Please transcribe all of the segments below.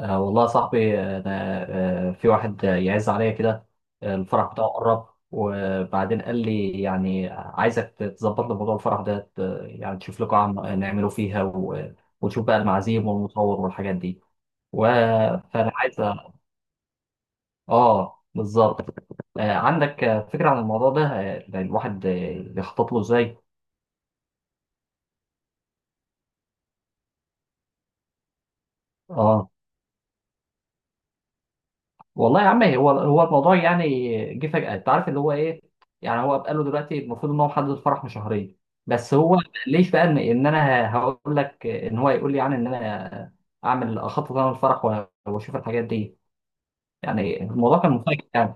آه والله يا صاحبي أنا، في واحد يعز عليا كده. الفرح بتاعه قرب، وبعدين قال لي يعني عايزك تظبط لي موضوع الفرح ده. يعني تشوف لي قاعة نعمله فيها، وتشوف بقى المعازيم والمصور والحاجات دي، فأنا عايز آه بالظبط. آه عندك فكرة عن الموضوع ده، الواحد يخطط له إزاي؟ آه والله يا عم، هو الموضوع يعني جه فجأة، انت عارف اللي هو ايه. يعني هو بقى له دلوقتي المفروض ان هو محدد الفرح من شهرين، بس هو ليش بقى إن انا هقول لك ان هو يقول لي يعني ان انا اعمل اخطط انا الفرح واشوف الحاجات دي. يعني الموضوع كان مفاجئ يعني.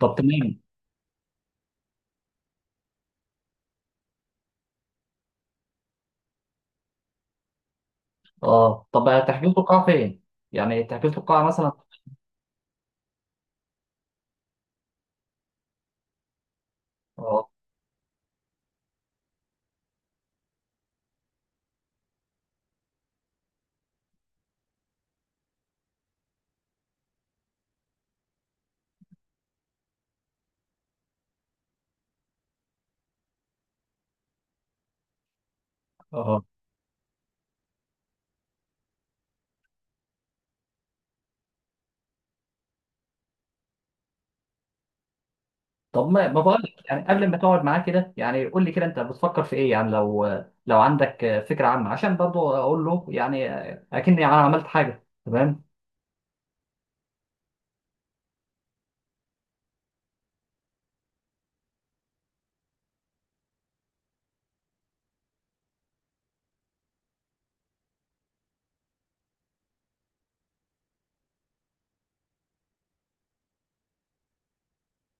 طب تمام. اه طب تحجزوا القاعة فين؟ يعني تحجزوا القاعة مثلا. اه. اه طب ما بقول لك، يعني قبل ما تقعد معاه كده، يعني قول لي كده انت بتفكر في ايه، يعني لو عندك فكره عامه، عشان برضو اقول له يعني اكني انا عملت حاجه. تمام.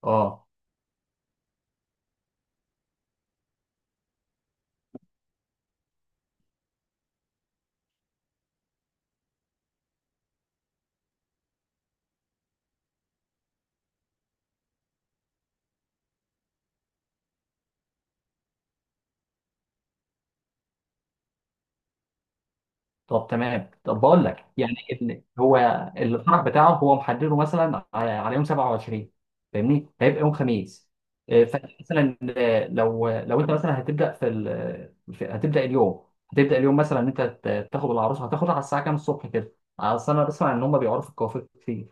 اه طب تمام. طب بقول لك يعني إن هو الفرح بتاعه هو محدده مثلا على يوم 27. فاهمني هيبقى يوم خميس. فمثلا، لو انت مثلا هتبدا في، هتبدا اليوم، هتبدا اليوم مثلا ان انت تاخد العروسه. هتاخدها على الساعه كام الصبح كده؟ اصل انا بسمع ان هم بيعرفوا الكوافير كتير.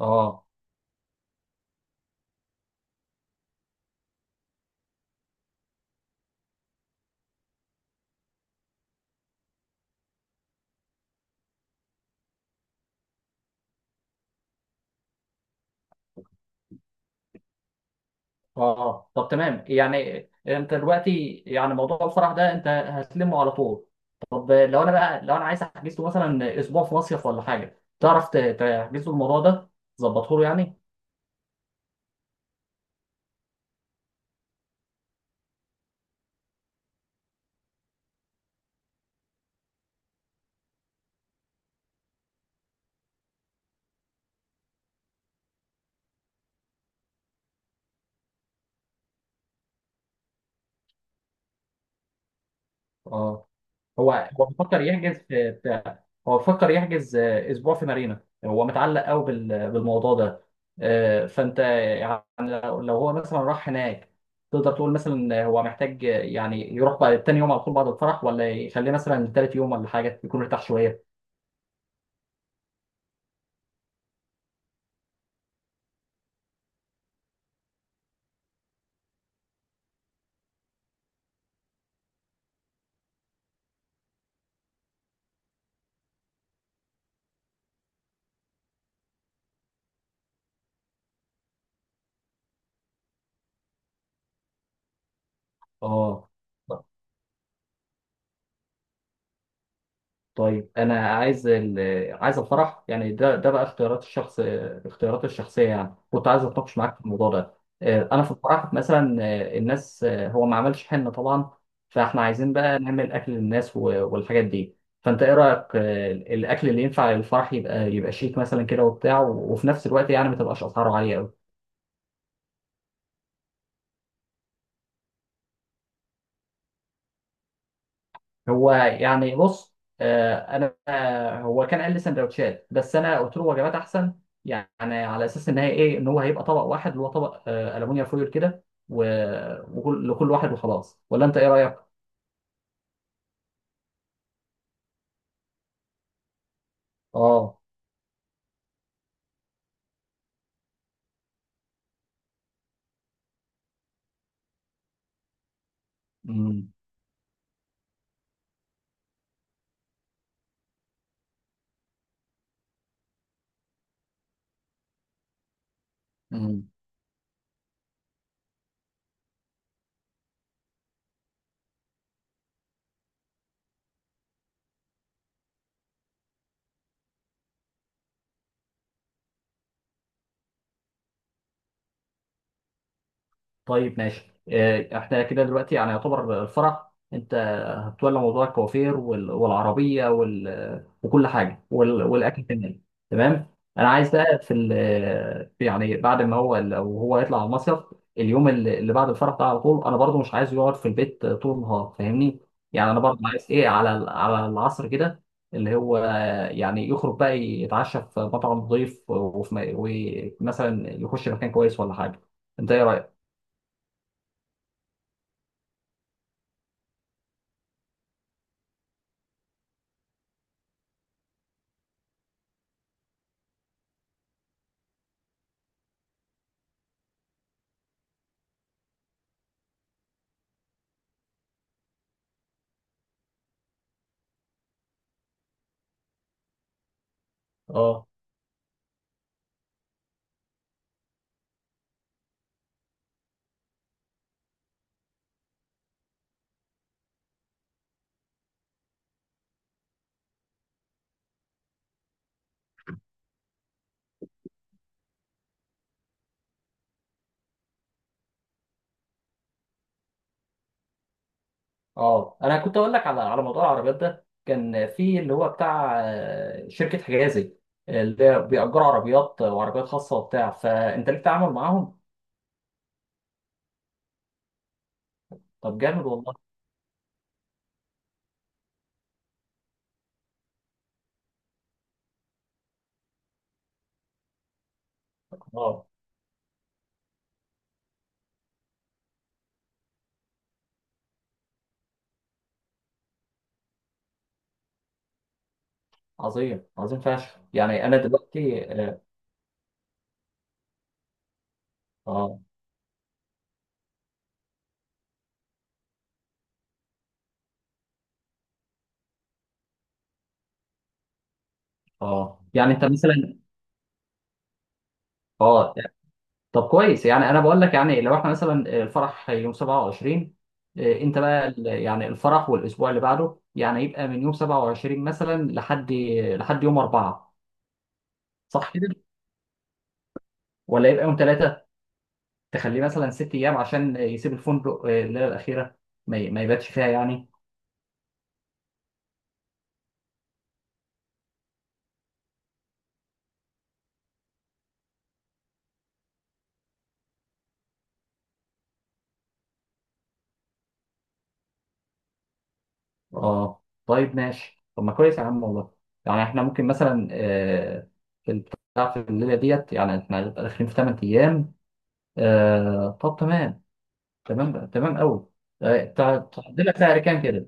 اه. اه آه. طب تمام. يعني انت دلوقتي يعني موضوع الفرح ده انت هتلمه على طول. طب لو انا بقى، لو انا عايز احجز له مثلا اسبوع في مصيف ولا حاجه، تعرف تحجز له الموضوع ده، تظبطه له يعني؟ اه. هو بيفكر يحجز هو بيفكر يحجز اسبوع في مارينا. هو متعلق قوي بالموضوع ده. فانت لو هو مثلا راح هناك، تقدر تقول مثلا هو محتاج يعني يروح بعد تاني يوم على طول بعد الفرح، ولا يخليه مثلا تالت يوم ولا حاجه يكون ارتاح شويه؟ اه. طيب، انا عايز عايز الفرح. يعني ده بقى اختيارات الشخص، اختيارات الشخصيه. يعني كنت عايز اتناقش معاك في الموضوع ده. انا في الفرح مثلا، الناس، هو ما عملش حنه طبعا، فاحنا عايزين بقى نعمل اكل للناس والحاجات دي. فانت ايه رايك؟ الاكل اللي ينفع للفرح يبقى شيك مثلا كده وبتاع، وفي نفس الوقت يعني ما تبقاش اسعاره عاليه. هو يعني بص، انا، هو كان قال لي سندوتشات، بس انا قلت له وجبات احسن. يعني على اساس ان هي ايه، ان هو هيبقى طبق واحد اللي هو طبق الومنيوم فويل كده، لكل واحد وخلاص، ولا انت ايه رايك؟ اه. امم. طيب ماشي. احنا كده دلوقتي يعني يعتبر الفرح انت هتولى موضوع الكوافير والعربيه وكل حاجه والاكل كمان. تمام. انا عايز بقى في يعني بعد ما هو، لو هو يطلع على المصيف، اليوم اللي بعد الفرح ده على طول، انا برضو مش عايزه يقعد في البيت طول النهار، فاهمني؟ يعني انا برضو عايز ايه على على العصر كده، اللي هو يعني يخرج بقى يتعشى في مطعم نظيف، وفي ومثلا يخش مكان كويس ولا حاجه. انت ايه رايك؟ اه. اه، انا كنت اقول لك على موضوع العربيات ده. كان في اللي هو بتاع شركه حجازي، اللي هي بيأجروا عربيات وعربيات خاصه وبتاع، فانت ليك تعامل معاهم؟ طب جامد والله. اه، عظيم عظيم فشخ. يعني انا دلوقتي اه. اه آه. يعني انت مثلا. اه طب كويس. يعني انا بقول لك يعني لو احنا مثلا الفرح يوم 27، انت بقى يعني الفرح والاسبوع اللي بعده يعني يبقى من يوم 27 مثلا لحد يوم 4، صح؟ ولا يبقى يوم 3، تخليه مثلا 6 أيام عشان يسيب الفندق الليلة الأخيرة، ما يباتش فيها يعني. اه. طيب ماشي. طب ما كويس يا عم والله. يعني احنا ممكن مثلا، في البتاع في الليلة ديت، يعني احنا هنبقى داخلين في 8 أيام. طب تمام. تمام بقى، تمام أوي. تحط لك سعر كام كده؟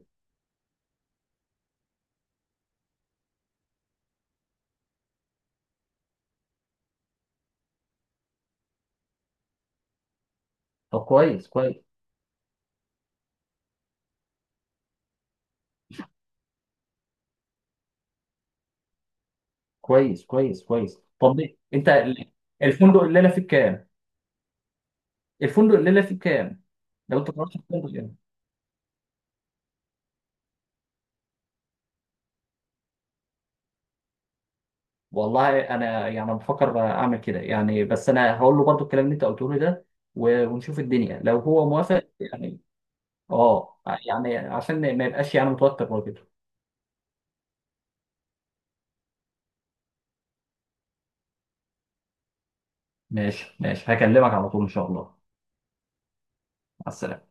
طب كويس كويس كويس كويس كويس. طب ليه؟ انت الفندق الليلة فيه كام؟ الفندق الليلة فيه كام؟ لو انت قررت الفندق. والله انا يعني بفكر اعمل كده يعني، بس انا هقول له برضو الكلام اللي انت قلته لي ده، ونشوف الدنيا لو هو موافق يعني. اه. يعني عشان ما يبقاش يعني متوتر برضه. ماشي ماشي، هكلمك على طول ان شاء الله. مع السلامه.